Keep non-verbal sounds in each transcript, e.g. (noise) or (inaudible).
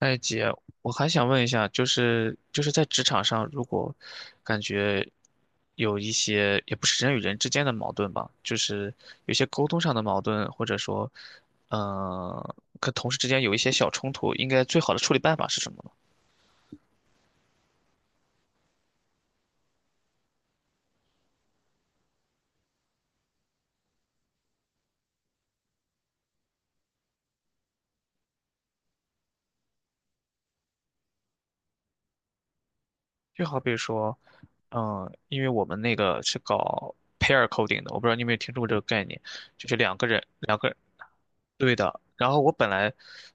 哎，姐，我还想问一下，就是在职场上，如果感觉有一些也不是人与人之间的矛盾吧，就是有些沟通上的矛盾，或者说，呃，跟同事之间有一些小冲突，应该最好的处理办法是什么呢？就好比说，因为我们那个是搞 pair coding 的，我不知道你有没有听说过这个概念，就是两个人对的，然后我本来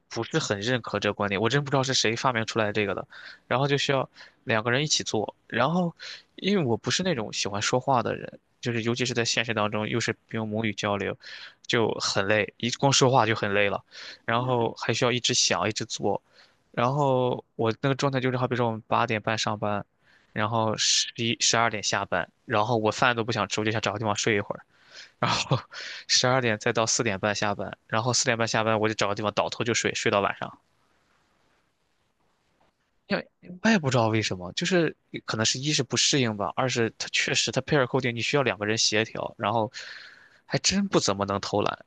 不是很认可这个观点，我真不知道是谁发明出来这个的，然后就需要两个人一起做，然后因为我不是那种喜欢说话的人，就是尤其是在现实当中，又是用母语交流，就很累，一光说话就很累了，然后还需要一直想，一直做，然后我那个状态就是，好比说我们8:30上班，然后十一十二点下班，然后我饭都不想吃，我就想找个地方睡一会儿。然后 (laughs) 十二点再到4:30下班，然后四点半下班我就找个地方倒头就睡，睡到晚上。因为我也不知道为什么，就是可能是一是不适应吧，二是它确实它 pair coding 你需要两个人协调，然后还真不怎么能偷懒，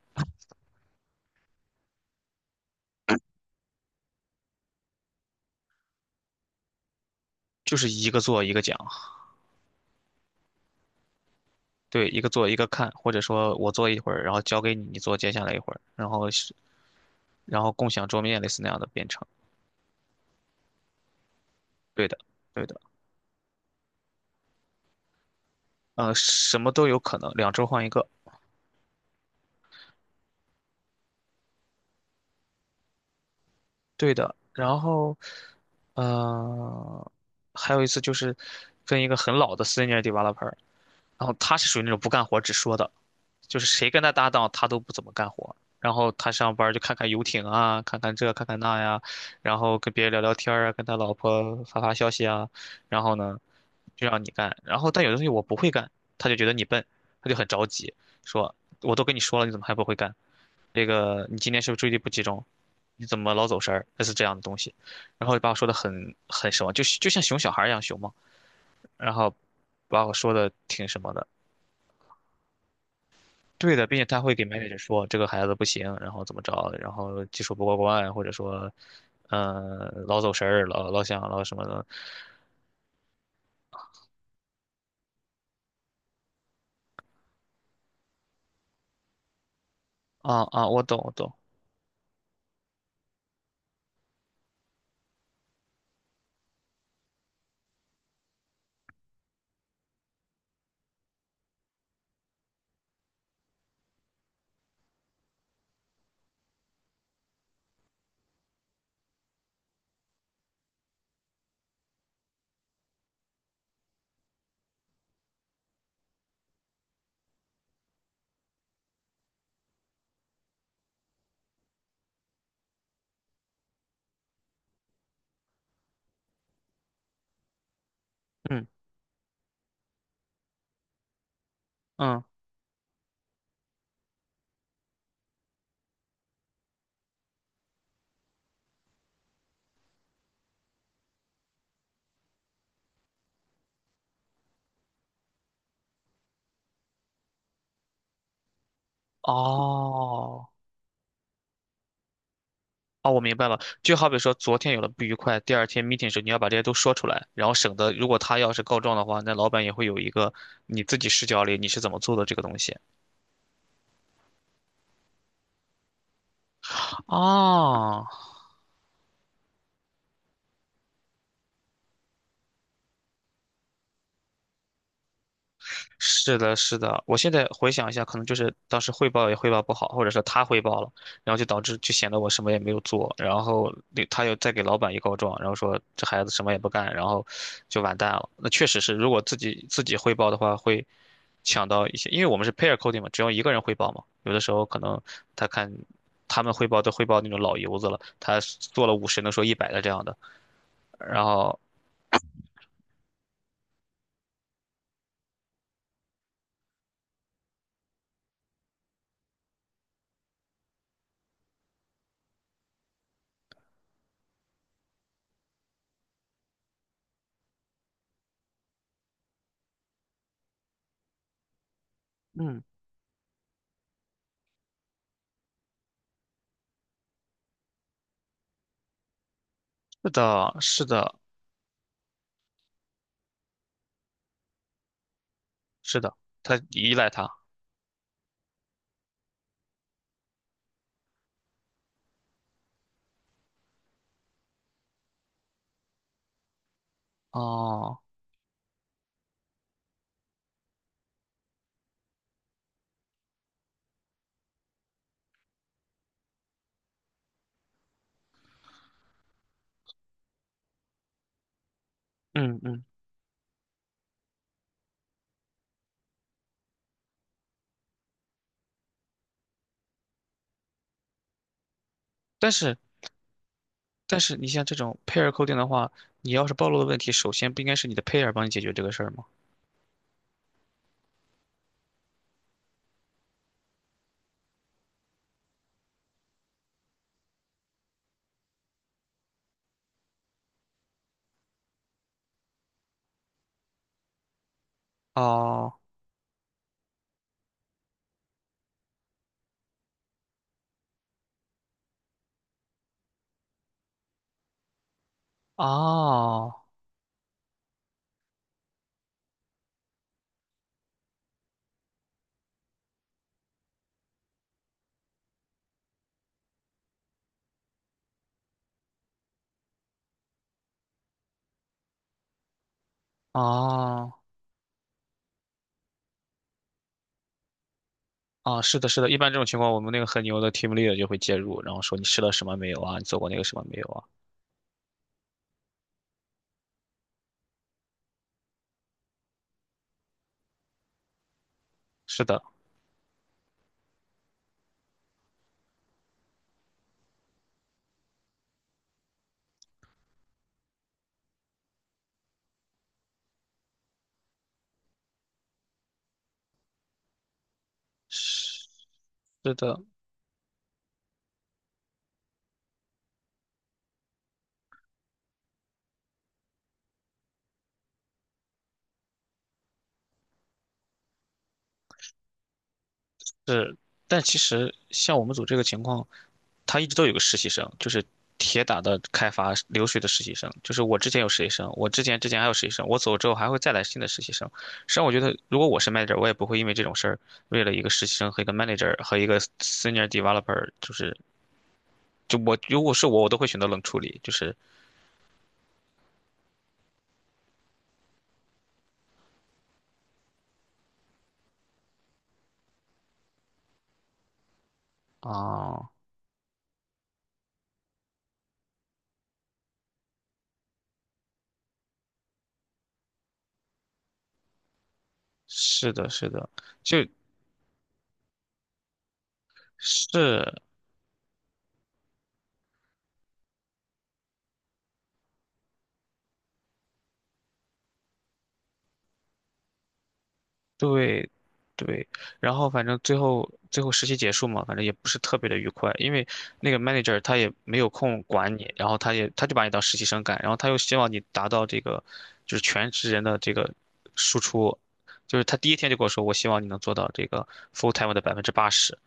就是一个做一个讲，对，一个做一个看，或者说我做一会儿，然后交给你，你做接下来一会儿，然后共享桌面类似那样的编程。对的，对的，什么都有可能，两周换一个。对的，然后，呃，还有一次就是跟一个很老的 senior developer，然后他是属于那种不干活只说的，就是谁跟他搭档，他都不怎么干活。然后他上班儿就看看游艇啊，看看这，看看那呀，然后跟别人聊聊天儿啊，跟他老婆发发消息啊，然后呢，就让你干。然后但有的东西我不会干，他就觉得你笨，他就很着急，说我都跟你说了，你怎么还不会干？这个你今天是不是注意力不集中？你怎么老走神儿？类似这样的东西，然后把我说的很什么，就是就像熊小孩儿一样熊嘛，然后把我说的挺什么的。对的，并且他会给 manager 说这个孩子不行，然后怎么着，然后技术不过关，或者说，嗯，老走神儿，老想老什么的。啊啊，我懂，我懂。嗯嗯，哦哦，我明白了。就好比说，昨天有了不愉快，第二天 meeting 时你要把这些都说出来，然后省得如果他要是告状的话，那老板也会有一个你自己视角里你是怎么做的这个东西。哦，是的，是的，我现在回想一下，可能就是当时汇报也汇报不好，或者说他汇报了，然后就导致就显得我什么也没有做，然后那他又再给老板一告状，然后说这孩子什么也不干，然后就完蛋了。那确实是，如果自己汇报的话，会抢到一些，因为我们是 pair coding 嘛，只要一个人汇报嘛，有的时候可能他看他们汇报都汇报那种老油子了，他做了50能说100的这样的，然后嗯，是的，是的，是的，他依赖他哦。嗯嗯，但是但是你像这种 pair coding 的话，你要是暴露的问题，首先不应该是你的 pair 帮你解决这个事儿吗？哦哦哦哦，是的，是的，一般这种情况，我们那个很牛的 team leader 就会介入，然后说你试了什么没有啊？你做过那个什么没有啊？是的，是是的，是。但其实像我们组这个情况，他一直都有个实习生，就是铁打的开发流水的实习生。就是我之前有实习生，我之前还有实习生，我走之后还会再来新的实习生。实际上，我觉得如果我是 manager，我也不会因为这种事儿，为了一个实习生和一个 manager 和一个 senior developer，就是就我如果是我，我都会选择冷处理。就是啊、是的，是的，就是。对，对，然后反正最后实习结束嘛，反正也不是特别的愉快，因为那个 manager 他也没有空管你，然后他就把你当实习生干，然后他又希望你达到这个就是全职人的这个输出，就是他第一天就跟我说，我希望你能做到这个 full time 的80%，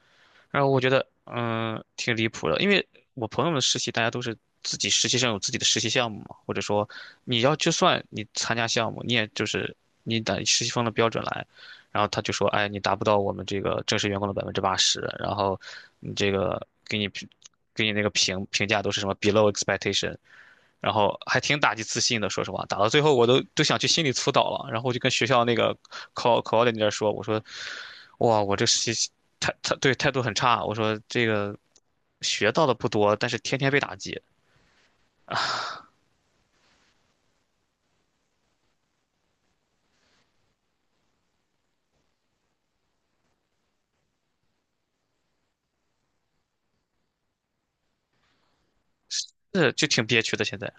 然后我觉得，嗯，挺离谱的，因为我朋友们实习，大家都是自己实习生有自己的实习项目嘛，或者说就算你参加项目，你也就是你得实习生的标准来，然后他就说，哎，你达不到我们这个正式员工的百分之八十，然后你这个给你那个评价都是什么 below expectation，然后还挺打击自信的，说实话，打到最后我都想去心理辅导了。然后我就跟学校那个考的那边说，我说，哇，我这实习态度很差。我说这个学到的不多，但是天天被打击，是就挺憋屈的。现在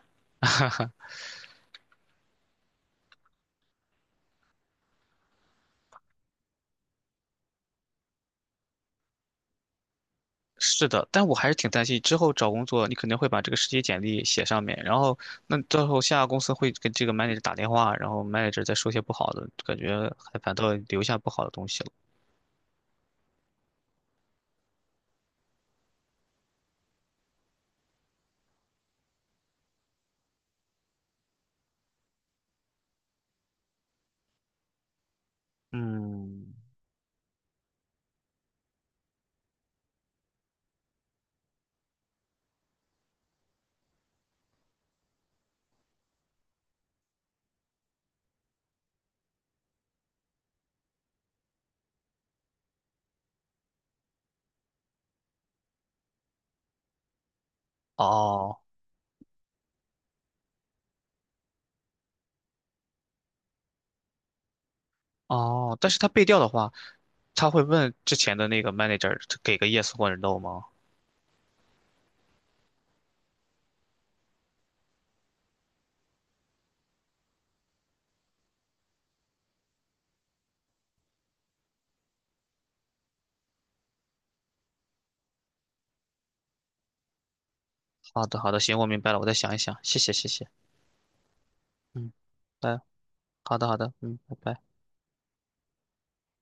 是的，但我还是挺担心之后找工作，你肯定会把这个实习简历写上面，然后那到时候下个公司会给这个 manager 打电话，然后 manager 再说些不好的，感觉还反倒留下不好的东西了。嗯，哦。哦，但是他背调的话，他会问之前的那个 manager 给个 yes 或者 no 吗？好的，好的，行，我明白了，我再想一想，谢谢，谢谢，嗯。拜。好的，好的，嗯，拜拜。